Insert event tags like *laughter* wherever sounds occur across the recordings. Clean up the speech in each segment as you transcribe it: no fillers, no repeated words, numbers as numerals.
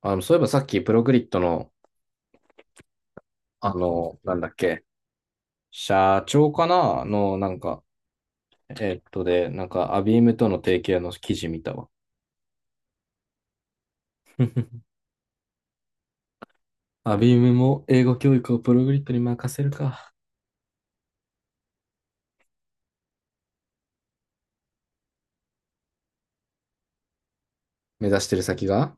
そういえばさっきプログリッドの、あの、なんだっけ、社長かなの、なんか、えっとで、なんか、アビームとの提携の記事見たわ。アビームも英語教育をプログリッドに任せるか。目指してる先が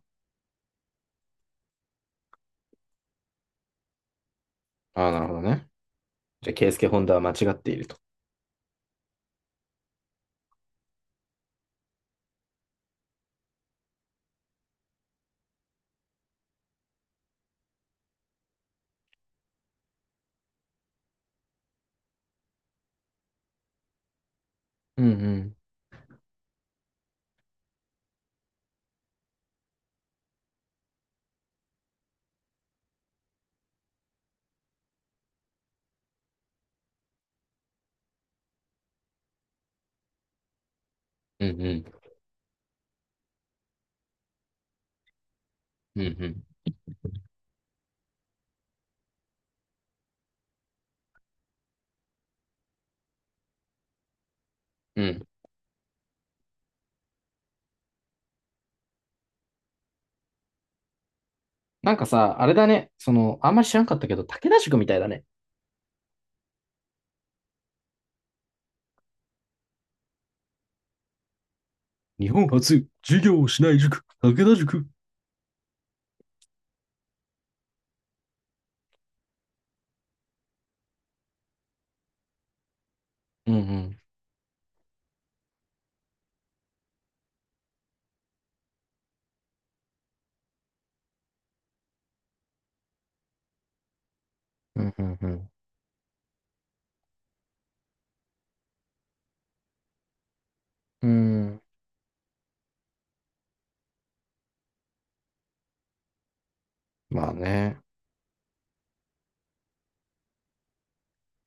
ああ、なるほどね。じゃあ、ケイスケ・ホンダは間違っていると。うんうん。うんうん。うんうん。うん。なんかさ、あれだね。その、あんまり知らんかったけど、武田塾みたいだね。日本初、授業をしない塾、武田塾。うんうん。うんうんうん。うん。まあね。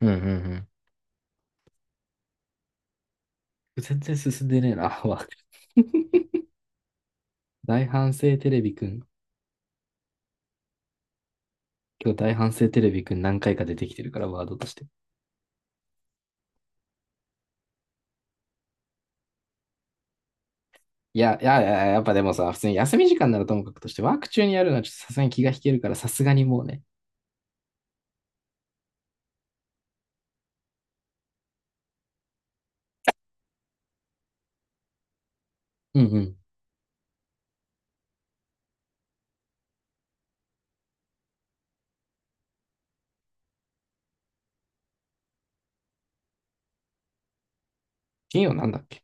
うんうん、全然進んでねえな。*laughs* ワード、大反省テレビくん。今日大反省テレビくん何回か出てきてるから、ワードとして。いや、いや、いや、やっぱでもさ、普通に休み時間ならともかくとして、ワーク中にやるのはちょっとさすがに気が引けるから、さすがにもうね。うんうん。金曜なんだっけ？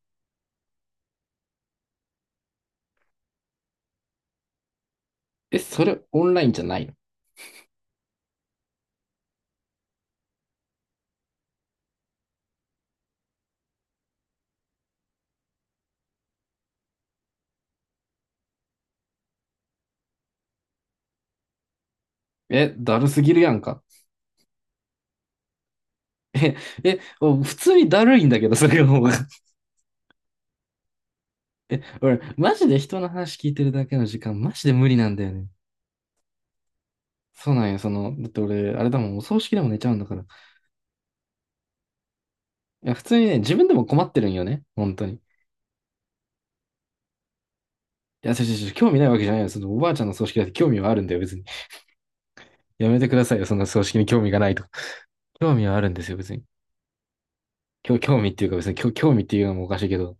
え、それオンラインじゃないの？え、だるすぎるやんか。え、え、普通にだるいんだけど、それも。 *laughs* え、俺、マジで人の話聞いてるだけの時間、マジで無理なんだよね。そうなんや、その、だって俺、あれだもん、お葬式でも寝ちゃうんだから。いや、普通にね、自分でも困ってるんよね。本当に。いや、ちょちょちょ、興味ないわけじゃないよ。そのおばあちゃんの葬式だって興味はあるんだよ、別に。やめてくださいよ、そんな葬式に興味がないと。*laughs* 興味はあるんですよ、別に。興味っていうのもおかしいけど、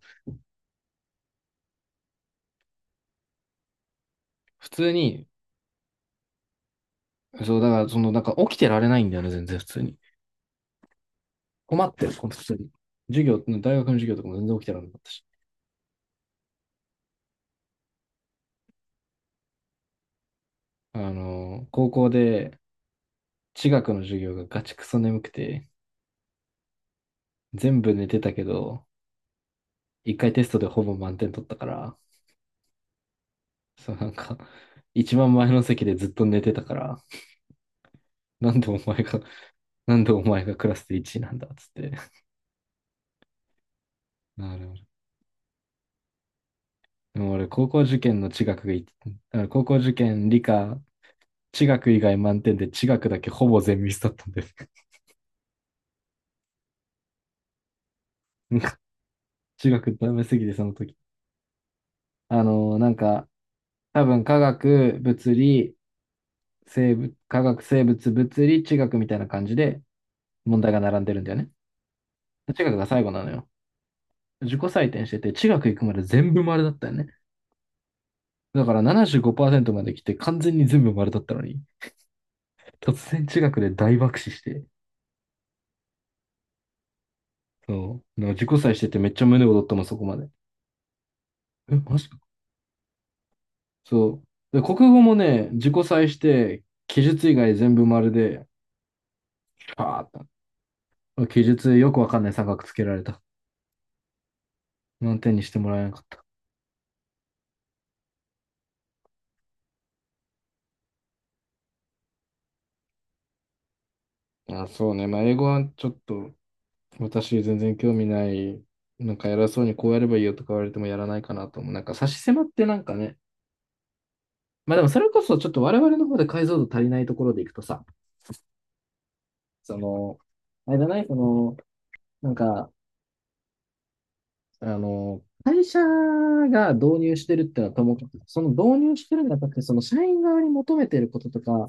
普通に、そう、だからその、なんか起きてられないんだよね、全然普通に。困ってる、この普通に。授業、大学の授業とかも全然起きてられなかったし。あの、高校で地学の授業がガチクソ眠くて、全部寝てたけど、一回テストでほぼ満点取ったから、そう、なんか、一番前の席でずっと寝てたから、なんでお前が、*laughs* なんでお前がクラスで1位なんだっつって。なるほど。でも俺、高校受験理科、地学以外満点で地学だけほぼ全ミスだったんです。*laughs* なんか、地学ダメすぎて、その時。あのーなんか、多分科学、生物、物理、地学みたいな感じで問題が並んでるんだよね。地学が最後なのよ。自己採点してて、地学行くまで全部丸だったよね。だから75%まで来て完全に全部丸だったのに、突然地学で大爆死して、そう、なんか自己採しててめっちゃ胸躍ったもん、そこまで。え、マジか。そう。で、国語もね、自己採して、記述以外全部丸で、パーッと。記述よくわかんない三角つけられた。満点にしてもらえなかった。あ、そうね。まあ、英語はちょっと、私全然興味ない。なんか偉そうにこうやればいいよとか言われてもやらないかなと思う。なんか差し迫ってなんかね、まあでもそれこそちょっと我々の方で解像度足りないところでいくとさ、その、あれだね、その、なんか、会社が導入してるってのはともかく、その導入してるんじゃなくて、その社員側に求めてることとか、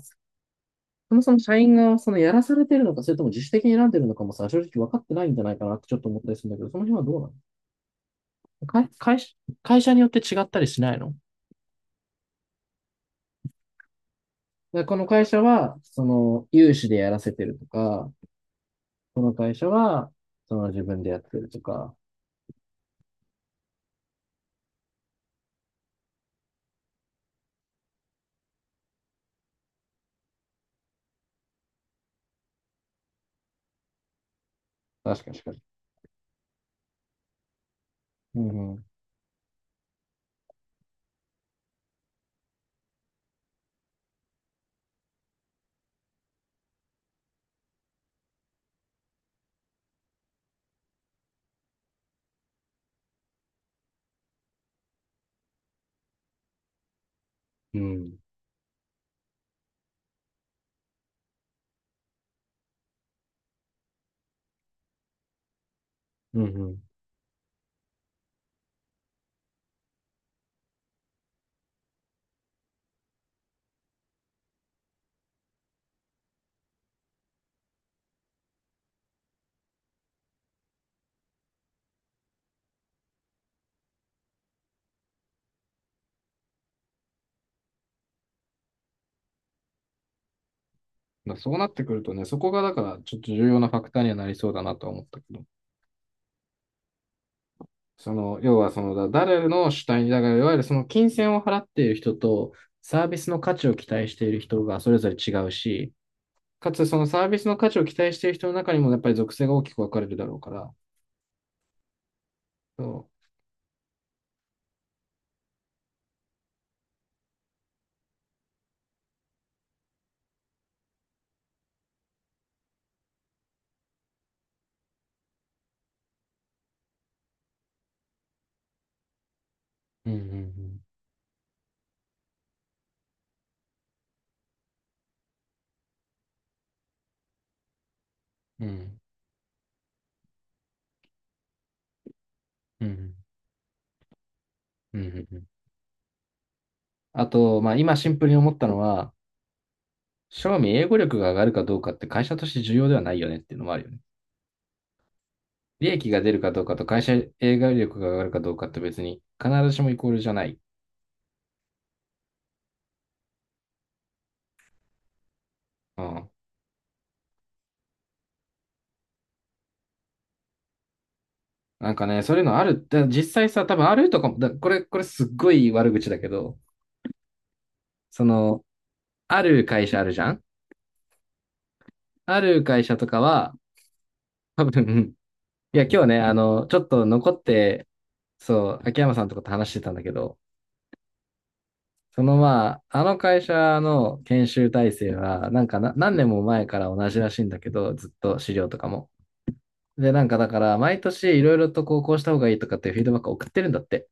そもそも社員側はそのやらされてるのか、それとも自主的に選んでるのかもさ、正直分かってないんじゃないかなってちょっと思ったりするんだけど、その辺はどうなの？会、会社、会社によって違ったりしないの？でこの会社は、その、有志でやらせてるとか、この会社は、その自分でやってるとか、確かに確かに。うんうん。うん。うんうん。だそうなってくるとね、そこがだからちょっと重要なファクターにはなりそうだなとは思ったけど、その、要はその、誰の主体に、だからいわゆるその金銭を払っている人とサービスの価値を期待している人がそれぞれ違うし、かつそのサービスの価値を期待している人の中にもやっぱり属性が大きく分かれるだろうから、そう。うんうんうん。うん。うん。うん。うんうん、あと、まあ、今シンプルに思ったのは、正味英語力が上がるかどうかって会社として重要ではないよねっていうのもあるよね。利益が出るかどうかと会社英語力が上がるかどうかって別に必ずしもイコールじゃない。うん。なんかね、そういうのある。だ実際さ、多分あるとかも、だこれ、これすっごい悪口だけど、その、ある会社あるじゃんある会社とかは、多分、*laughs* いや、今日ね、あの、ちょっと残って、そう、秋山さんとかと話してたんだけど、そのまあ、あの会社の研修体制は、なんか何年も前から同じらしいんだけど、ずっと資料とかも。で、なんかだから、毎年いろいろとこう、こうした方がいいとかっていうフィードバックを送ってるんだって。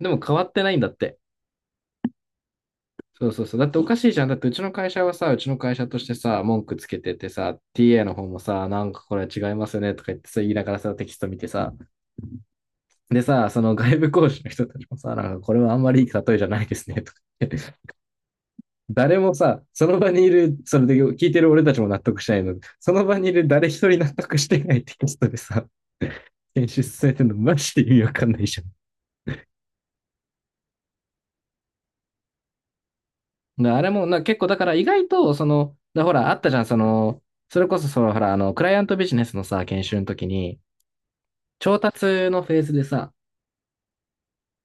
でも変わってないんだって。そうそうそう。だっておかしいじゃん。だってうちの会社はさ、うちの会社としてさ、文句つけててさ、TA の方もさ、なんかこれ違いますよねとか言ってさ、言いながらさ、テキスト見てさ、でさ、その外部講師の人たちもさ、なんかこれはあんまりいい例えじゃないですねとか言っ、誰もさ、その場にいる、それで聞いてる俺たちも納得しないので。その場にいる誰一人納得してないテキストでさ、編集されてるのマジで意味わかんないじゃん。だあれもな、結構だから意外と、その、だほら、あったじゃん、その、それこそその、ほら、あの、クライアントビジネスのさ、研修の時に、調達のフェーズでさ、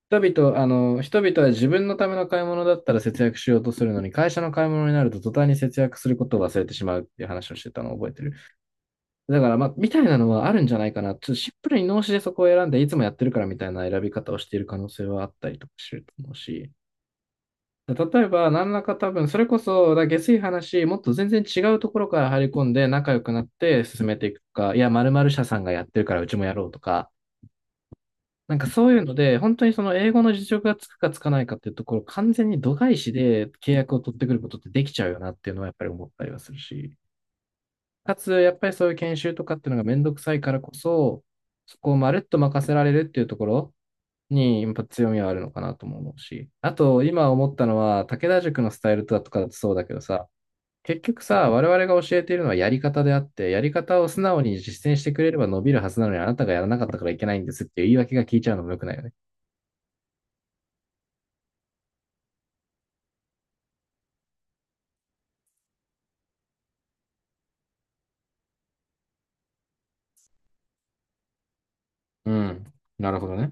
人々は自分のための買い物だったら節約しようとするのに、会社の買い物になると途端に節約することを忘れてしまうっていう話をしてたのを覚えてる。だから、まあ、みたいなのはあるんじゃないかな。ちょっとシンプルに脳死でそこを選んで、いつもやってるからみたいな選び方をしている可能性はあったりとかすると思うし。例えば、何らか多分、それこそ、だ下水話、もっと全然違うところから入り込んで、仲良くなって進めていくか、いや、〇〇社さんがやってるからうちもやろうとか、なんかそういうので、本当にその英語の実力がつくかつかないかっていうところ、完全に度外視で契約を取ってくることってできちゃうよなっていうのはやっぱり思ったりはするし。かつ、やっぱりそういう研修とかっていうのがめんどくさいからこそ、そこをまるっと任せられるっていうところに、やっぱ強みはあるのかなとも思うし。あと、今思ったのは、武田塾のスタイルだとかだとそうだけどさ、結局さ、我々が教えているのはやり方であって、やり方を素直に実践してくれれば伸びるはずなのに、あなたがやらなかったからいけないんですっていう言い訳が聞いちゃうのも良くないよね。うん。なるほどね。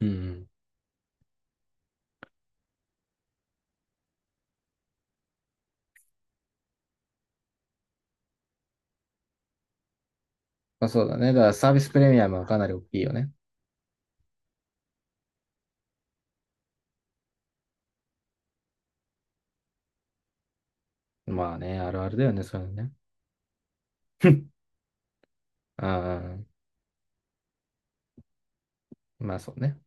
うんうん、まあそうだね。だからサービスプレミアムはかなり大きいよね。まあね、あるあるだよね、そういうのね。*laughs* うん。まあそうね。